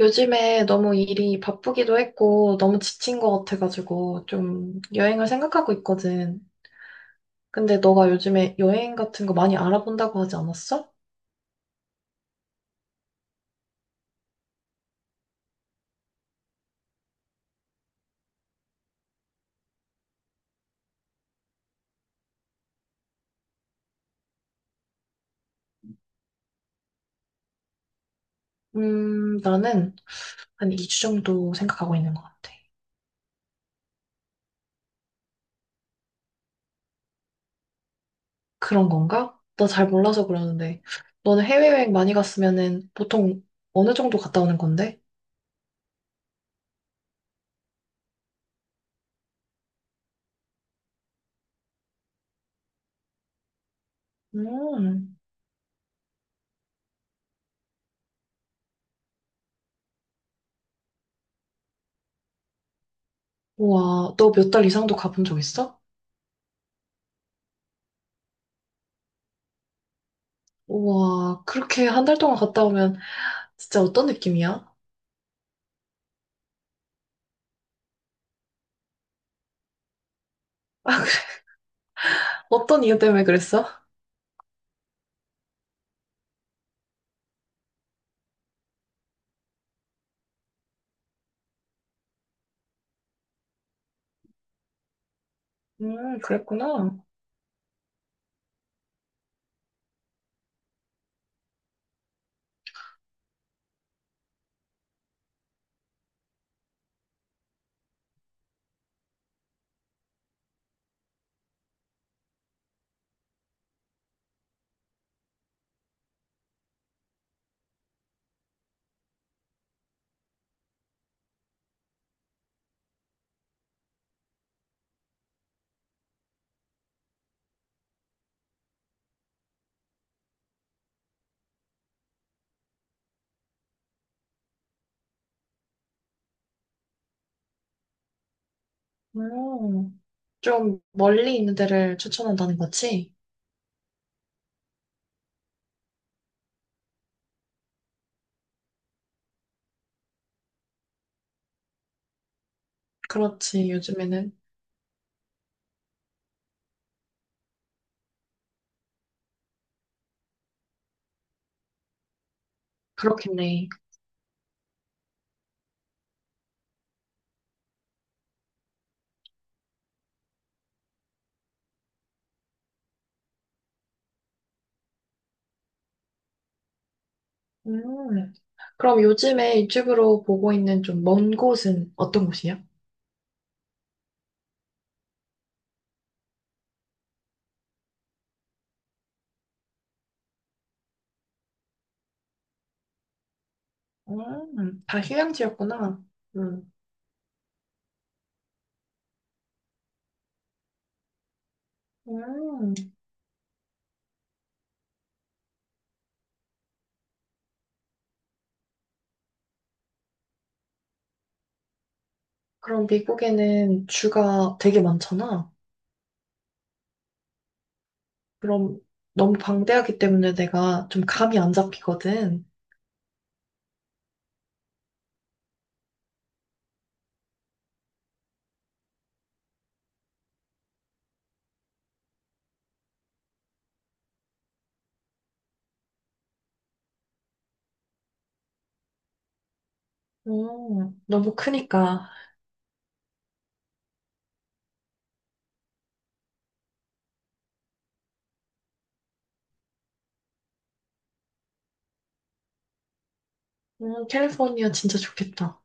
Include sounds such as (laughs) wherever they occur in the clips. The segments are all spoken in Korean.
요즘에 너무 일이 바쁘기도 했고, 너무 지친 것 같아가지고, 좀 여행을 생각하고 있거든. 근데 너가 요즘에 여행 같은 거 많이 알아본다고 하지 않았어? 나는 한 2주 정도 생각하고 있는 것 같아. 그런 건가? 나 잘 몰라서 그러는데. 너는 해외여행 많이 갔으면은 보통 어느 정도 갔다 오는 건데? 음. 우와, 너 몇 달 이상도 가본 적 있어? 우와, 그렇게 한 달 동안 갔다 오면 진짜 어떤 느낌이야? 어떤 이유 때문에 그랬어? 그랬구나. 음, 좀 멀리 있는 데를 추천한다는 거지? 그렇지, 요즘에는. 그렇겠네. 음, 그럼 요즘에 유튜브로 보고 있는 좀 먼 곳은 어떤 곳이야? 다 휴양지였구나. 음. 음. 그럼 미국에는 주가 되게 많잖아. 그럼 너무 방대하기 때문에 내가 좀 감이 안 잡히거든. 너무 크니까. 캘리포니아 진짜 좋겠다.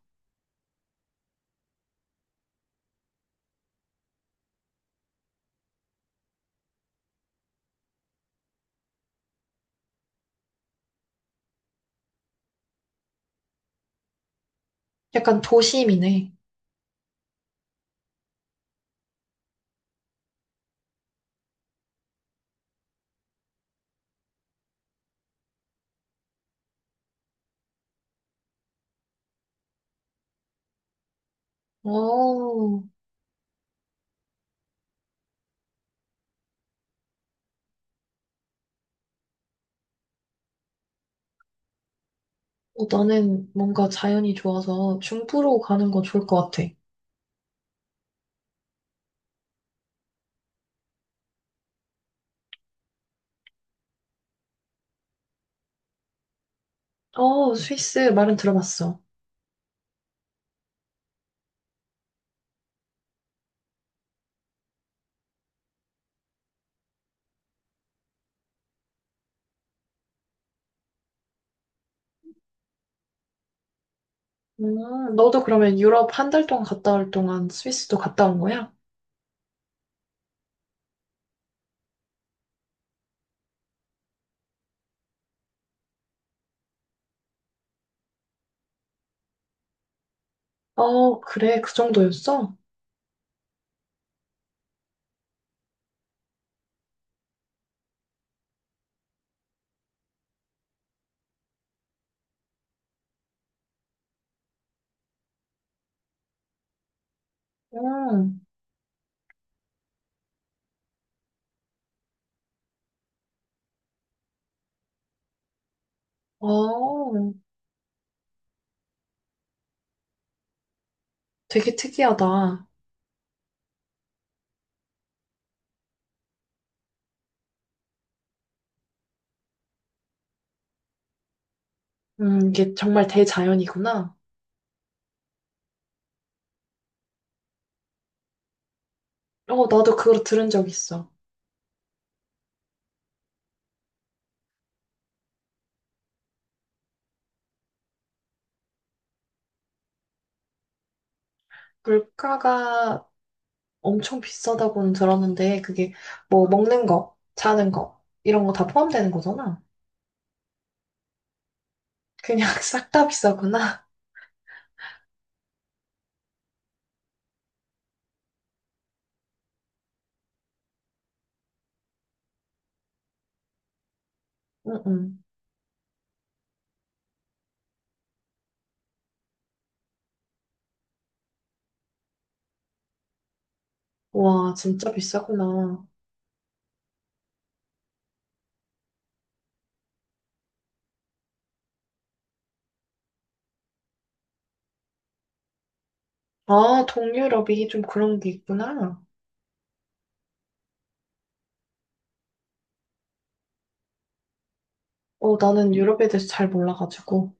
약간 도심이네. 오. 어, 나는 뭔가 자연이 좋아서 중부로 가는 거 좋을 것 같아. 어, 스위스 말은 들어봤어. 너도 그러면 유럽 한 달 동안 갔다 올 동안 스위스도 갔다 온 거야? 어, 그래, 그 정도였어? 음. 어. 되게 특이하다. 이게 정말 대자연이구나. 어, 나도 그걸 들은 적 있어. 물가가 엄청 비싸다고는 들었는데, 그게 뭐 먹는 거, 자는 거, 이런 거 다 포함되는 거잖아. 그냥 (laughs) 싹 다 비싸구나. 응, 응. 와, 진짜 비싸구나. 아, 동유럽이 좀 그런 게 있구나. 어, 나는 유럽에 대해서 잘 몰라가지고.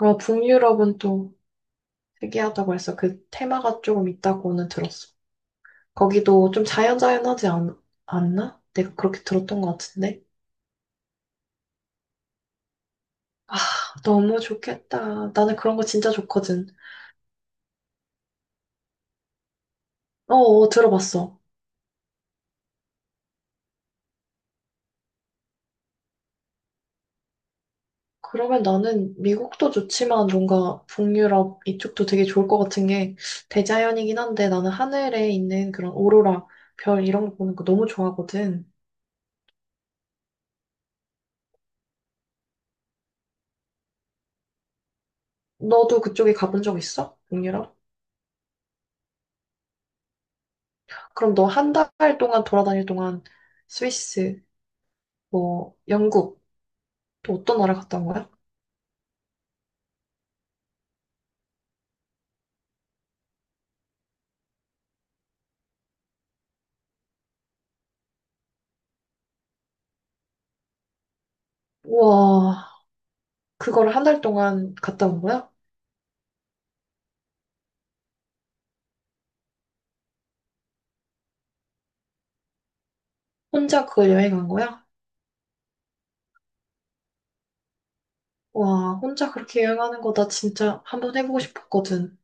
어, 북유럽은 또 특이하다고 해서 그 테마가 조금 있다고는 들었어. 거기도 좀 자연자연하지 않나? 내가 그렇게 들었던 것 같은데. 아, 너무 좋겠다. 나는 그런 거 진짜 좋거든. 어, 어, 들어봤어. 그러면 나는 미국도 좋지만 뭔가 북유럽 이쪽도 되게 좋을 것 같은 게 대자연이긴 한데 나는 하늘에 있는 그런 오로라, 별 이런 거 보는 거 너무 좋아하거든. 너도 그쪽에 가본 적 있어? 북유럽? 그럼 너 한 달 동안 돌아다닐 동안 스위스, 뭐 영국 또 어떤 나라 갔다 온 거야? 우와, 그걸 한 달 동안 갔다 온 거야? 혼자 그걸 여행한 거야? 와, 혼자 그렇게 여행하는 거 나 진짜 한번 해보고 싶었거든.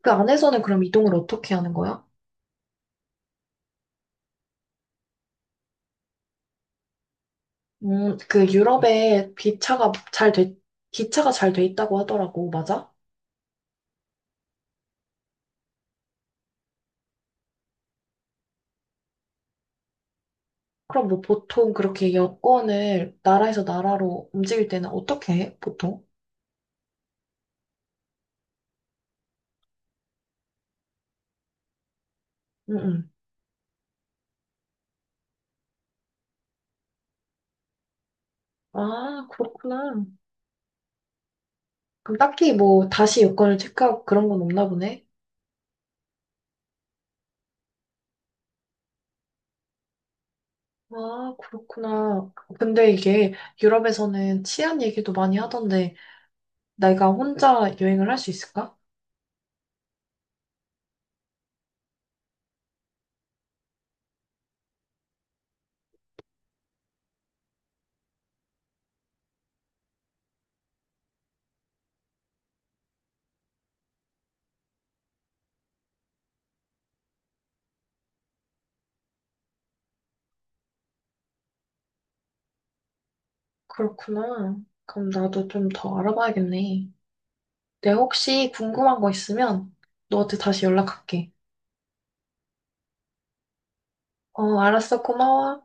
그 안에서는 그럼 이동을 어떻게 하는 거야? 유럽에 기차가 기차가 잘 돼 있다고 하더라고. 맞아? 그럼 뭐 보통 그렇게 여권을 나라에서 나라로 움직일 때는 어떻게 해? 보통? 응, 응. 아, 그렇구나. 그럼 딱히 뭐 다시 여권을 체크하고 그런 건 없나 보네? 아, 그렇구나. 근데 이게 유럽에서는 치안 얘기도 많이 하던데 내가 혼자 여행을 할 수 있을까? 그렇구나. 그럼 나도 좀 더 알아봐야겠네. 내가 혹시 궁금한 거 있으면 너한테 다시 연락할게. 어, 알았어. 고마워.